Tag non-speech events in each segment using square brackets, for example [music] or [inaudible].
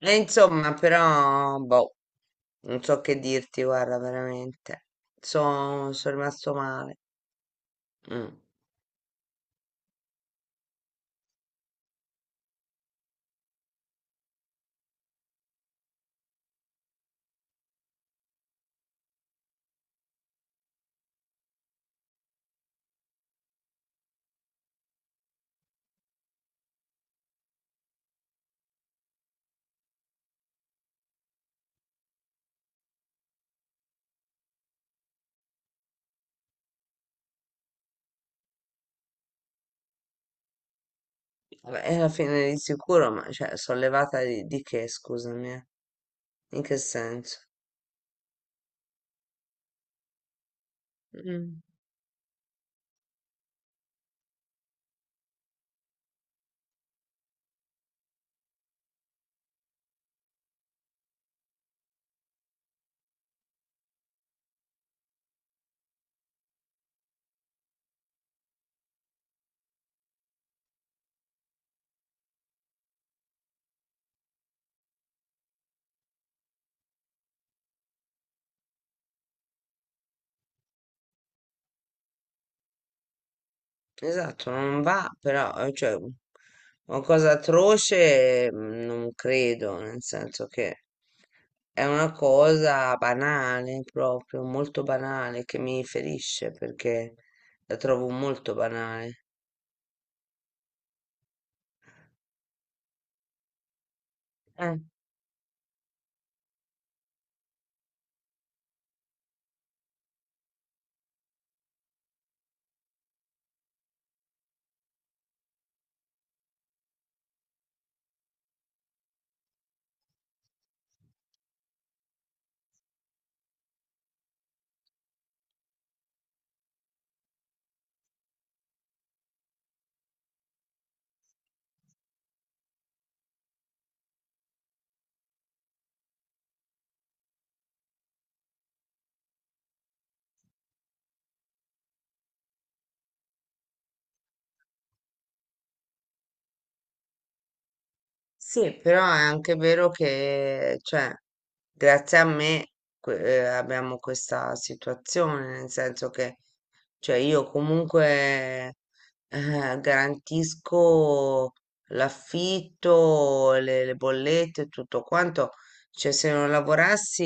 E insomma, però, boh, non so che dirti, guarda, veramente. Sono rimasto male. Mm. Vabbè, e alla fine di sicuro, ma cioè, sono levata di che, scusami, eh? In che senso? Mm. Esatto, non va, però, cioè, una cosa atroce, mm, non credo, nel senso che è una cosa banale, proprio, molto banale, che mi ferisce, perché la trovo molto banale. Sì, però è anche vero che, cioè, grazie a me abbiamo questa situazione, nel senso che, cioè, io comunque garantisco l'affitto, le bollette, e tutto quanto. Cioè, se non lavorassi,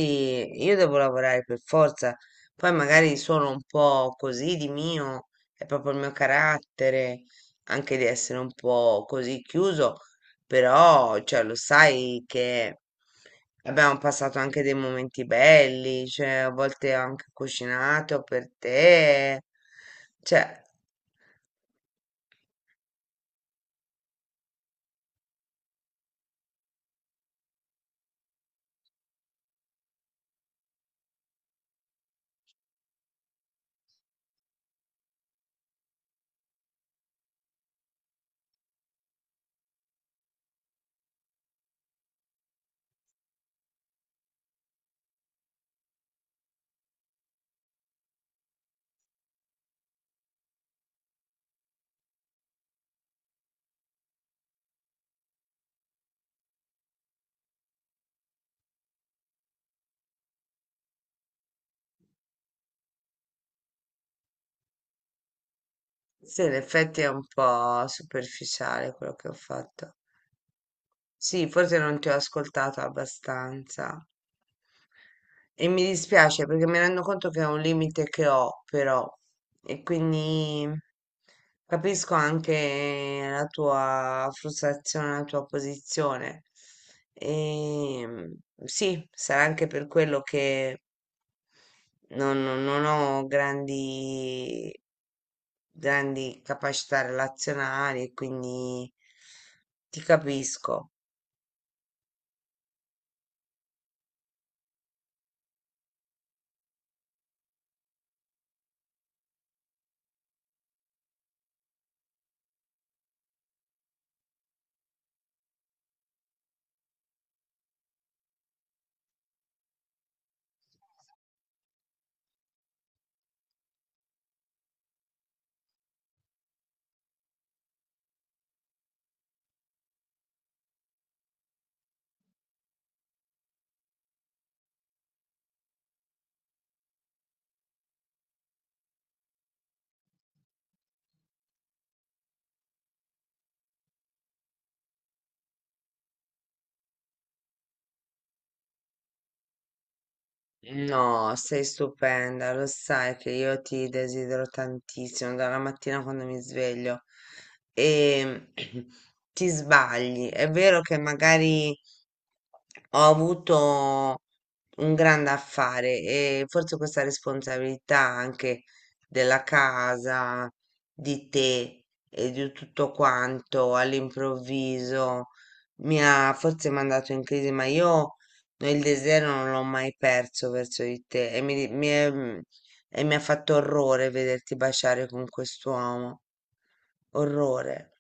io devo lavorare per forza. Poi magari sono un po' così di mio, è proprio il mio carattere, anche di essere un po' così chiuso, però, cioè, lo sai che abbiamo passato anche dei momenti belli, cioè, a volte ho anche cucinato per te. Cioè, sì, in effetti è un po' superficiale quello che ho fatto. Sì, forse non ti ho ascoltato abbastanza. E mi dispiace perché mi rendo conto che è un limite che ho, però, e quindi capisco anche la tua frustrazione, la tua posizione. E sì, sarà anche per quello che non ho grandi, grandi capacità relazionali, e quindi ti capisco. No, sei stupenda, lo sai che io ti desidero tantissimo dalla mattina quando mi sveglio e [clears throat] ti sbagli. È vero che magari ho avuto un grande affare e forse questa responsabilità anche della casa, di te e di tutto quanto all'improvviso mi ha forse mandato in crisi, ma io il desiderio non l'ho mai perso verso di te e mi, e mi ha fatto orrore vederti baciare con quest'uomo, orrore.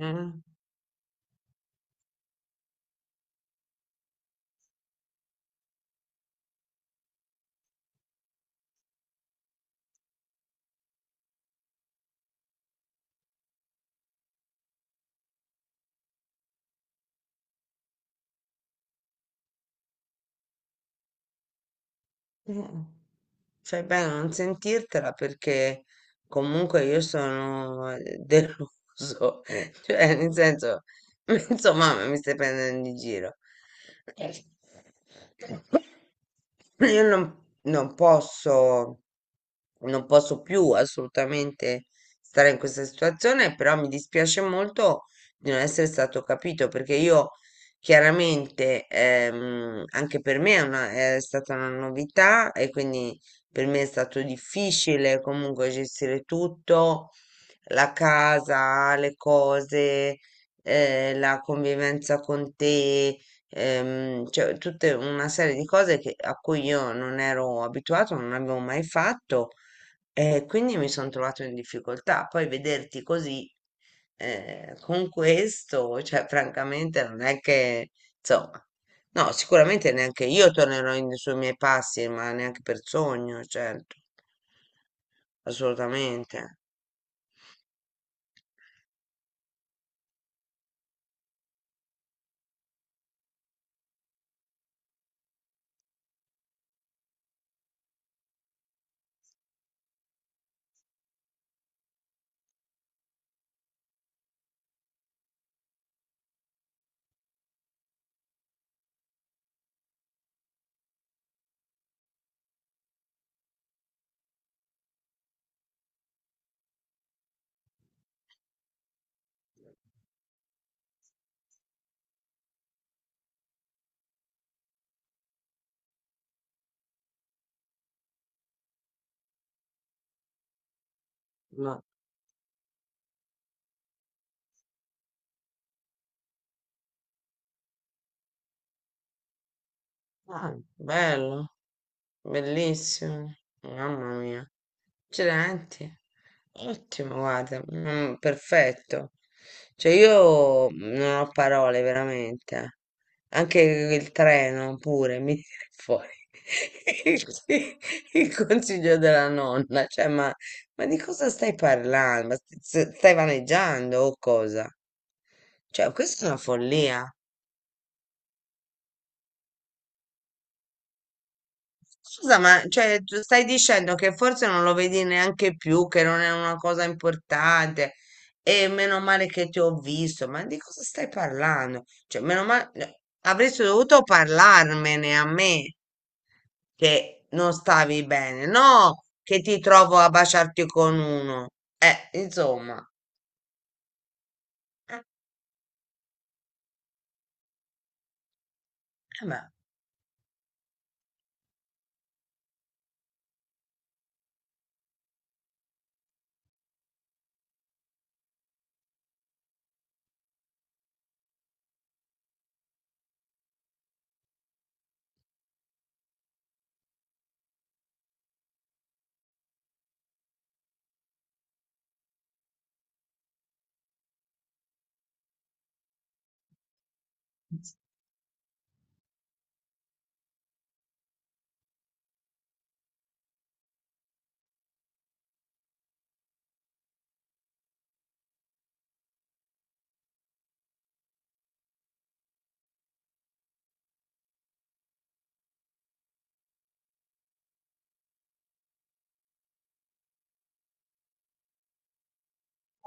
Eh? Mm. Fai bene a non sentirtela perché comunque io sono deluso, [laughs] cioè nel senso, [laughs] insomma, mi stai prendendo in giro. Io non posso, non posso più assolutamente stare in questa situazione, però mi dispiace molto di non essere stato capito perché io chiaramente anche per me è stata una novità e quindi per me è stato difficile comunque gestire tutto, la casa, le cose, la convivenza con te, cioè tutta una serie di cose a cui io non ero abituato, non avevo mai fatto e quindi mi sono trovato in difficoltà. Poi vederti così, con questo, cioè francamente non è che, insomma, no, sicuramente neanche io sui miei passi, ma neanche per sogno, certo, assolutamente. No. Ah, bello, bellissimo, mamma mia. Accidenti, ottimo, guarda, mm, perfetto. Cioè io non ho parole veramente. Anche il treno pure mi viene fuori [laughs] il, il consiglio della nonna. Cioè, ma di cosa stai parlando? Ma stai vaneggiando o cosa? Cioè, questa è una follia. Scusa, ma cioè, tu stai dicendo che forse non lo vedi neanche più, che non è una cosa importante e meno male che ti ho visto, ma di cosa stai parlando? Cioè, meno male, avresti dovuto parlarmene a me che non stavi bene, no che ti trovo a baciarti con uno. Insomma, eh, beh.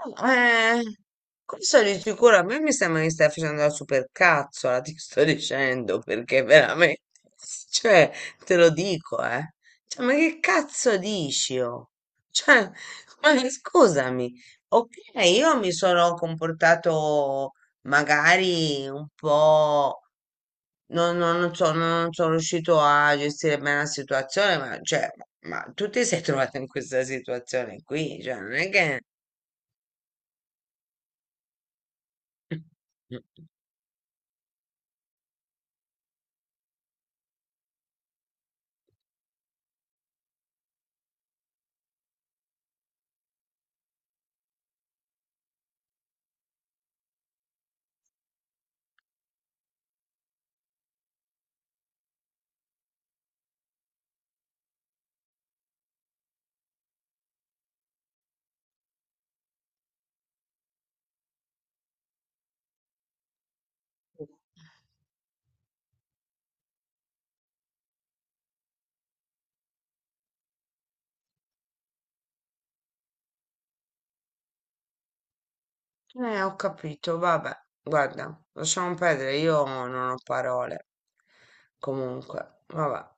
No, eh, questo di sicuro a me mi sembra che stai facendo la supercazzola, [laughs] ti sto dicendo, perché veramente, cioè, te lo dico, eh. Cioè, ma che cazzo dici, oh? Cioè, ma scusami, ok, io mi sono comportato magari un po'... non so, non sono riuscito a gestire bene la situazione, ma, cioè, ma tu ti sei trovata in questa situazione qui, cioè, non è che. Ho capito, vabbè, guarda, lasciamo perdere, io non ho parole. Comunque, vabbè.